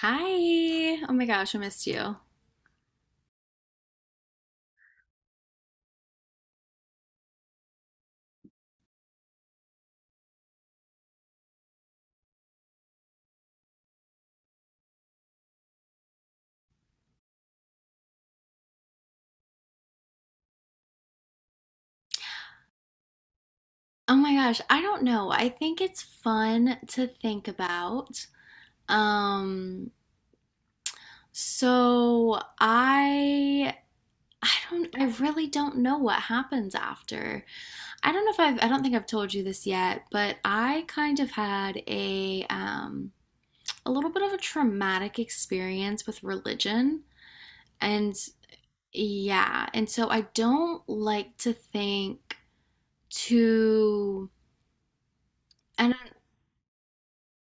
Hi. Oh my gosh, I missed you. Oh my gosh, I don't know. I think it's fun to think about. Um, so I I really don't know what happens after. I don't know if I've, I don't think I've told you this yet, but I kind of had a little bit of a traumatic experience with religion and yeah, and so I don't like to think too and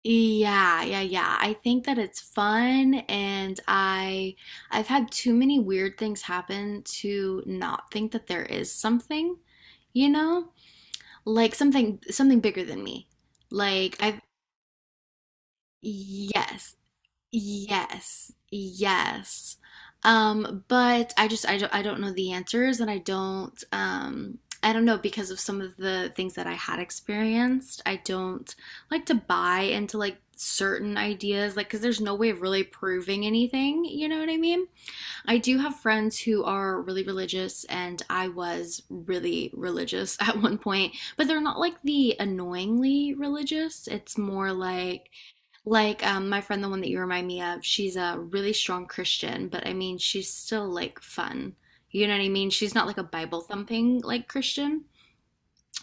Yeah, yeah, yeah, I think that it's fun, and I've had too many weird things happen to not think that there is something, you know? Like something bigger than me. Like I've Yes. Yes, yes. But I just, I don't know the answers, and I don't know because of some of the things that I had experienced. I don't like to buy into like certain ideas like because there's no way of really proving anything, you know what I mean? I do have friends who are really religious, and I was really religious at one point, but they're not like the annoyingly religious. It's more like, my friend, the one that you remind me of, she's a really strong Christian, but I mean, she's still like fun. You know what I mean? She's not like a Bible thumping like Christian,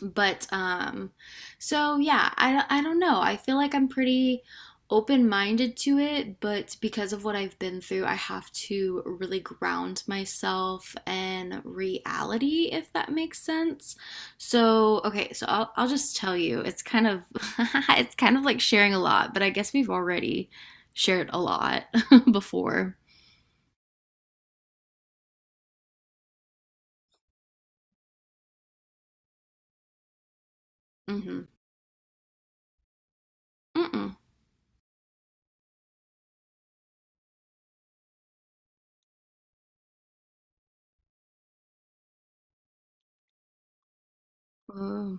but so yeah, I don't know, I feel like I'm pretty open minded to it, but because of what I've been through, I have to really ground myself in reality, if that makes sense. So okay, so I'll just tell you it's kind of it's kind of like sharing a lot, but I guess we've already shared a lot before. Mhm. Mhm. Mhm.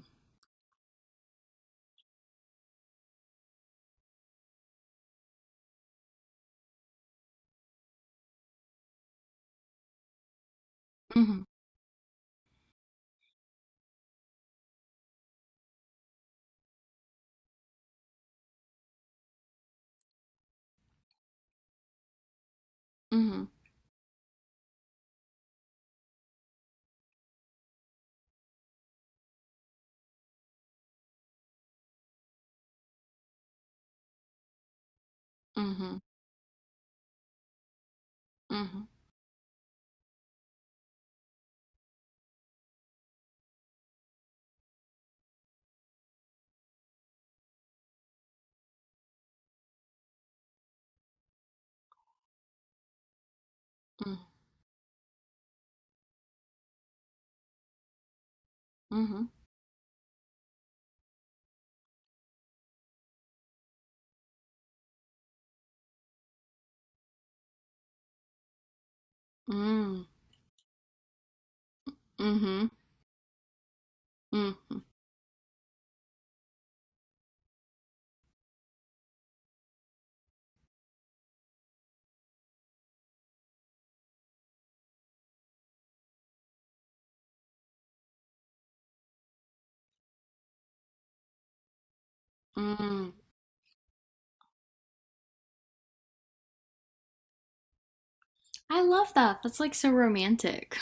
Mhm. Mhm. Mhm. Mhm. Mhm. Mm-hmm. Mm-hmm. Mm. I love that. That's like so romantic.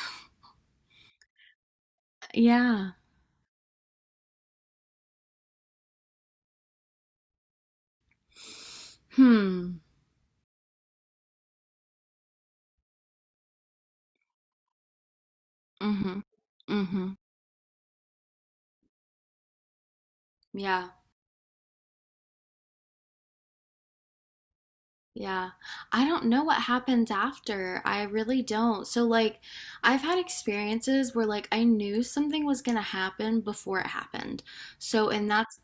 Yeah. Hmm. Mm-hmm. Mm-hmm. Yeah. Yeah. I don't know what happens after. I really don't. So like I've had experiences where like I knew something was gonna happen before it happened. So, and that's.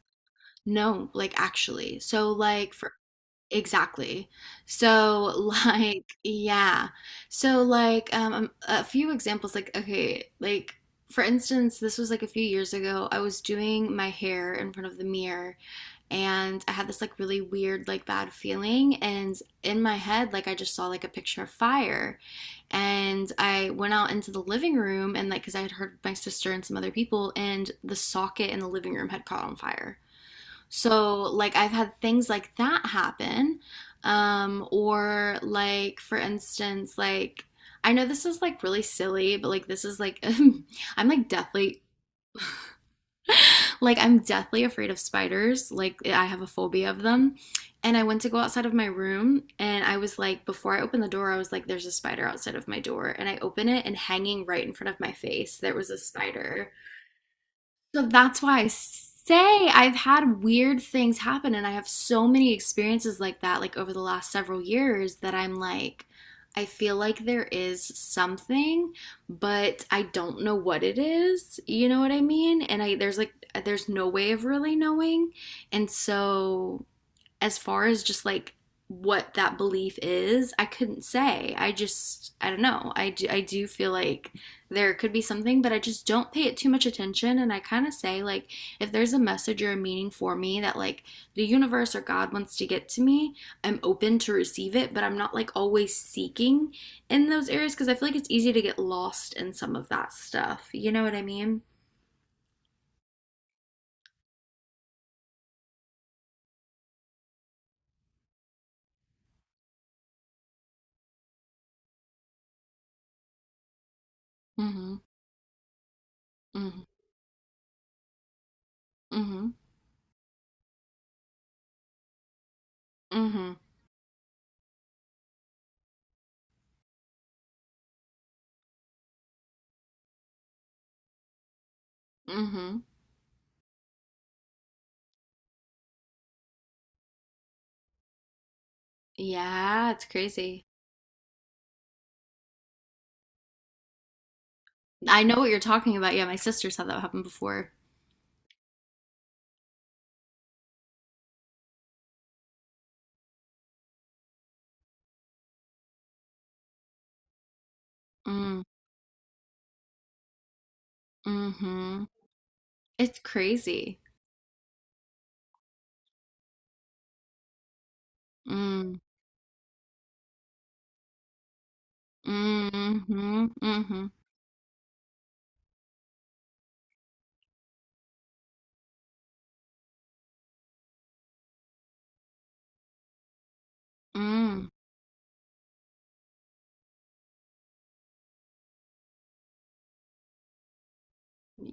No, like, actually. So, like. Exactly. So, like, yeah. So, like, a few examples, like, okay, like, for instance, this was like a few years ago. I was doing my hair in front of the mirror, and I had this like really weird, like, bad feeling. And in my head, like, I just saw like a picture of fire. And I went out into the living room, and like, because I had heard my sister and some other people, and the socket in the living room had caught on fire. So, like, I've had things like that happen. Or, like, for instance, like, I know this is like really silly, but like, this is like, I'm like deathly, I'm deathly afraid of spiders. Like, I have a phobia of them. And I went to go outside of my room, and I was like, before I opened the door, I was like, there's a spider outside of my door. And I open it, and hanging right in front of my face, there was a spider. So that's why I say I've had weird things happen, and I have so many experiences like that, like over the last several years, that I'm like, I feel like there is something, but I don't know what it is. You know what I mean? And I, there's like, there's no way of really knowing. And so, as far as just like what that belief is, I couldn't say. I just, I don't know. I do feel like there could be something, but I just don't pay it too much attention. And I kind of say, like, if there's a message or a meaning for me that, like, the universe or God wants to get to me, I'm open to receive it, but I'm not, like, always seeking in those areas because I feel like it's easy to get lost in some of that stuff. You know what I mean? Mm hmm. Mm hmm. Mm hmm. Mm hmm. Mm hmm. Yeah, it's crazy. I know what you're talking about. Yeah, my sister's had that happen before. Mm. Hmm. It's crazy. Mm. Mm-hmm. Mm-hmm. Mm.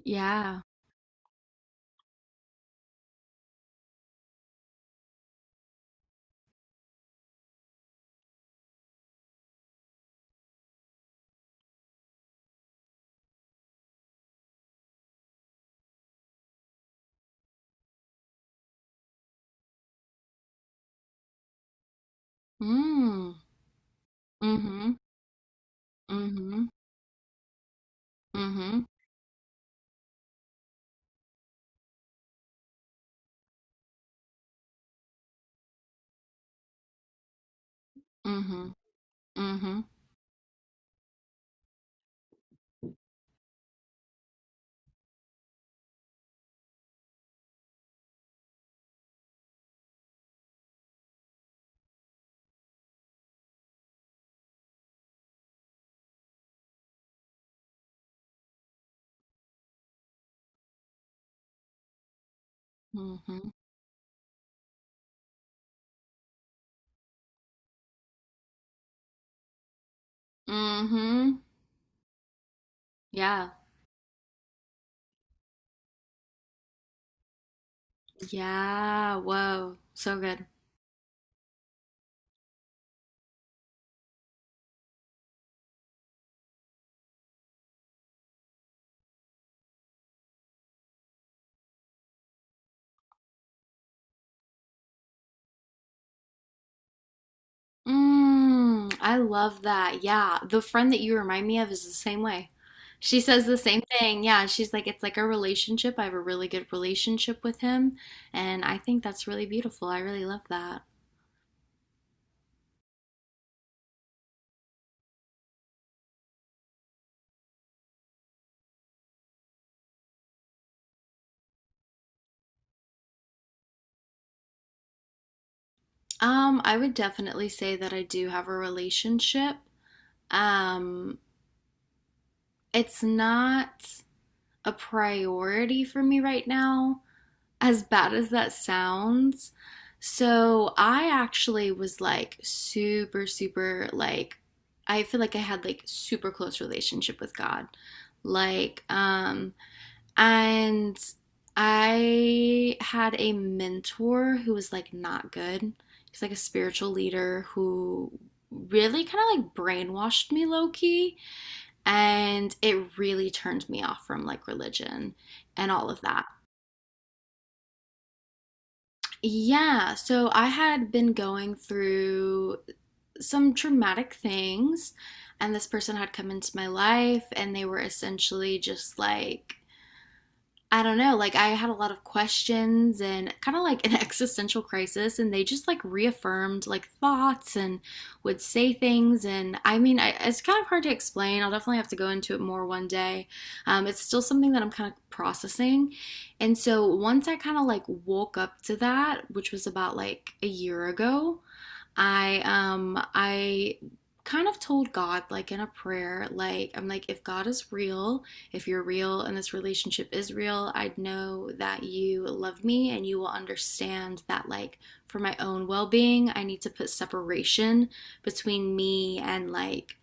Yeah. Mm. Mm-hmm. Mm-hmm. Mm-hmm. Mm-hmm. Mm-hmm. Mm-hmm. Mm-hmm. Yeah. Yeah. Whoa. So good. Mm, I love that. Yeah. The friend that you remind me of is the same way. She says the same thing. Yeah. She's like, it's like a relationship. I have a really good relationship with him. And I think that's really beautiful. I really love that. I would definitely say that I do have a relationship. Um, it's not a priority for me right now, as bad as that sounds. So I actually was like super, super like I feel like I had like super close relationship with God. Like, and I had a mentor who was like not good. He's like a spiritual leader who really kind of like brainwashed me low key and it really turned me off from like religion and all of that. Yeah, so I had been going through some traumatic things, and this person had come into my life, and they were essentially just like, I don't know, like I had a lot of questions and kind of like an existential crisis, and they just like reaffirmed like thoughts and would say things. And I mean, it's kind of hard to explain. I'll definitely have to go into it more one day. It's still something that I'm kind of processing. And so once I kind of like woke up to that, which was about like a year ago, I kind of told God like in a prayer, like I'm like, if God is real, if you're real and this relationship is real, I'd know that you love me and you will understand that, like, for my own well-being, I need to put separation between me and like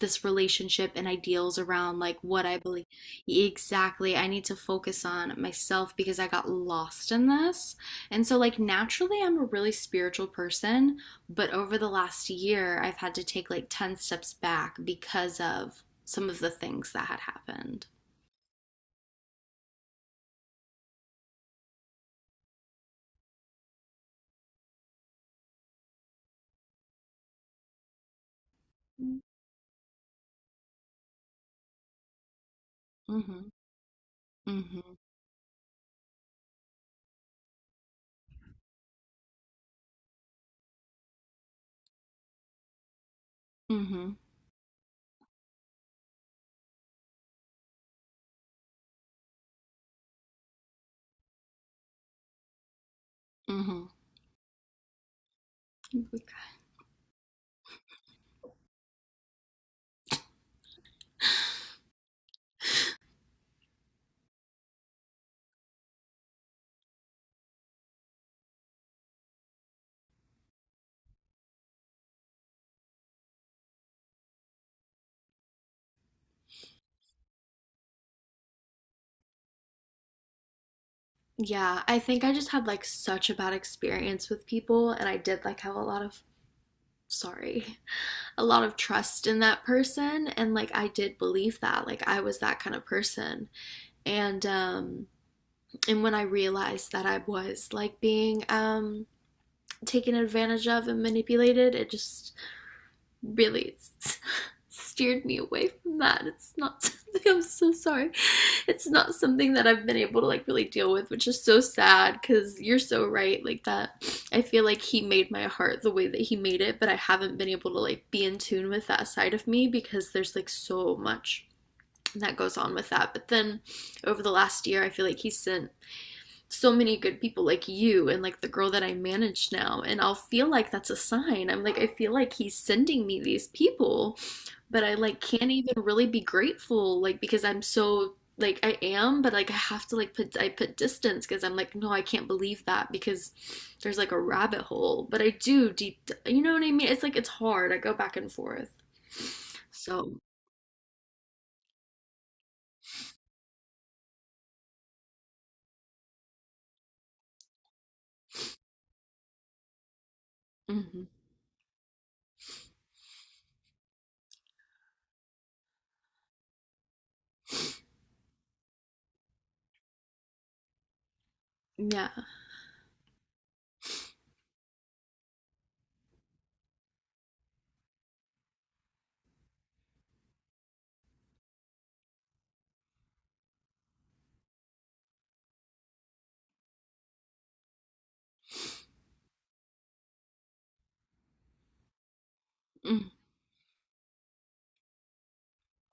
this relationship and ideals around like what I believe. Exactly. I need to focus on myself because I got lost in this. And so, like, naturally, I'm a really spiritual person, but over the last year, I've had to take like 10 steps back because of some of the things that had happened. Mm-hmm. Mm-hmm. Mm-hmm. Mm-hmm. Yeah, I think I just had like such a bad experience with people, and I did like have a lot of sorry, a lot of trust in that person, and like I did believe that like I was that kind of person, and um and when I realized that I was like being taken advantage of and manipulated, it just really steered me away from that. It's not something. I'm so sorry. It's not something that I've been able to like really deal with, which is so sad cuz you're so right like that. I feel like he made my heart the way that he made it, but I haven't been able to like be in tune with that side of me because there's like so much that goes on with that. But then over the last year, I feel like he sent so many good people like you and like the girl that I manage now. And I'll feel like that's a sign. I'm like, I feel like he's sending me these people, but I like can't even really be grateful, like, because I'm so like I am, but like I have to like put distance because I'm like, no, I can't believe that because there's like a rabbit hole. But I do deep, you know what I mean? It's like it's hard. I go back and forth. So, mhm. Yeah. Mm-hmm.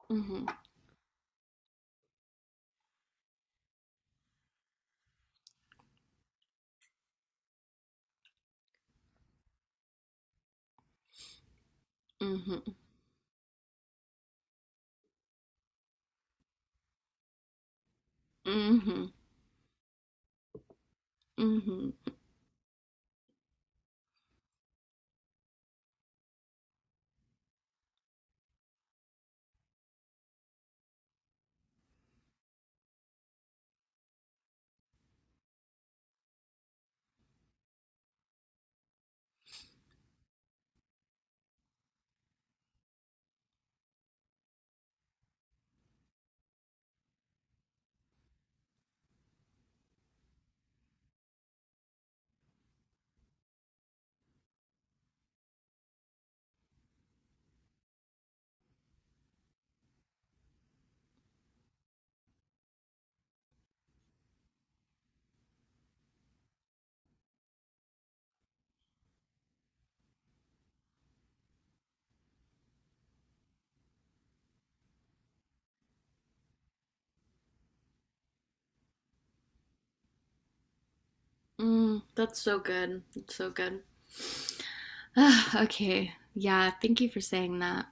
Mm-hmm. Mm-hmm. Mm-hmm. Mm-hmm. Mm, that's so good. That's so good. Okay. Yeah, thank you for saying that.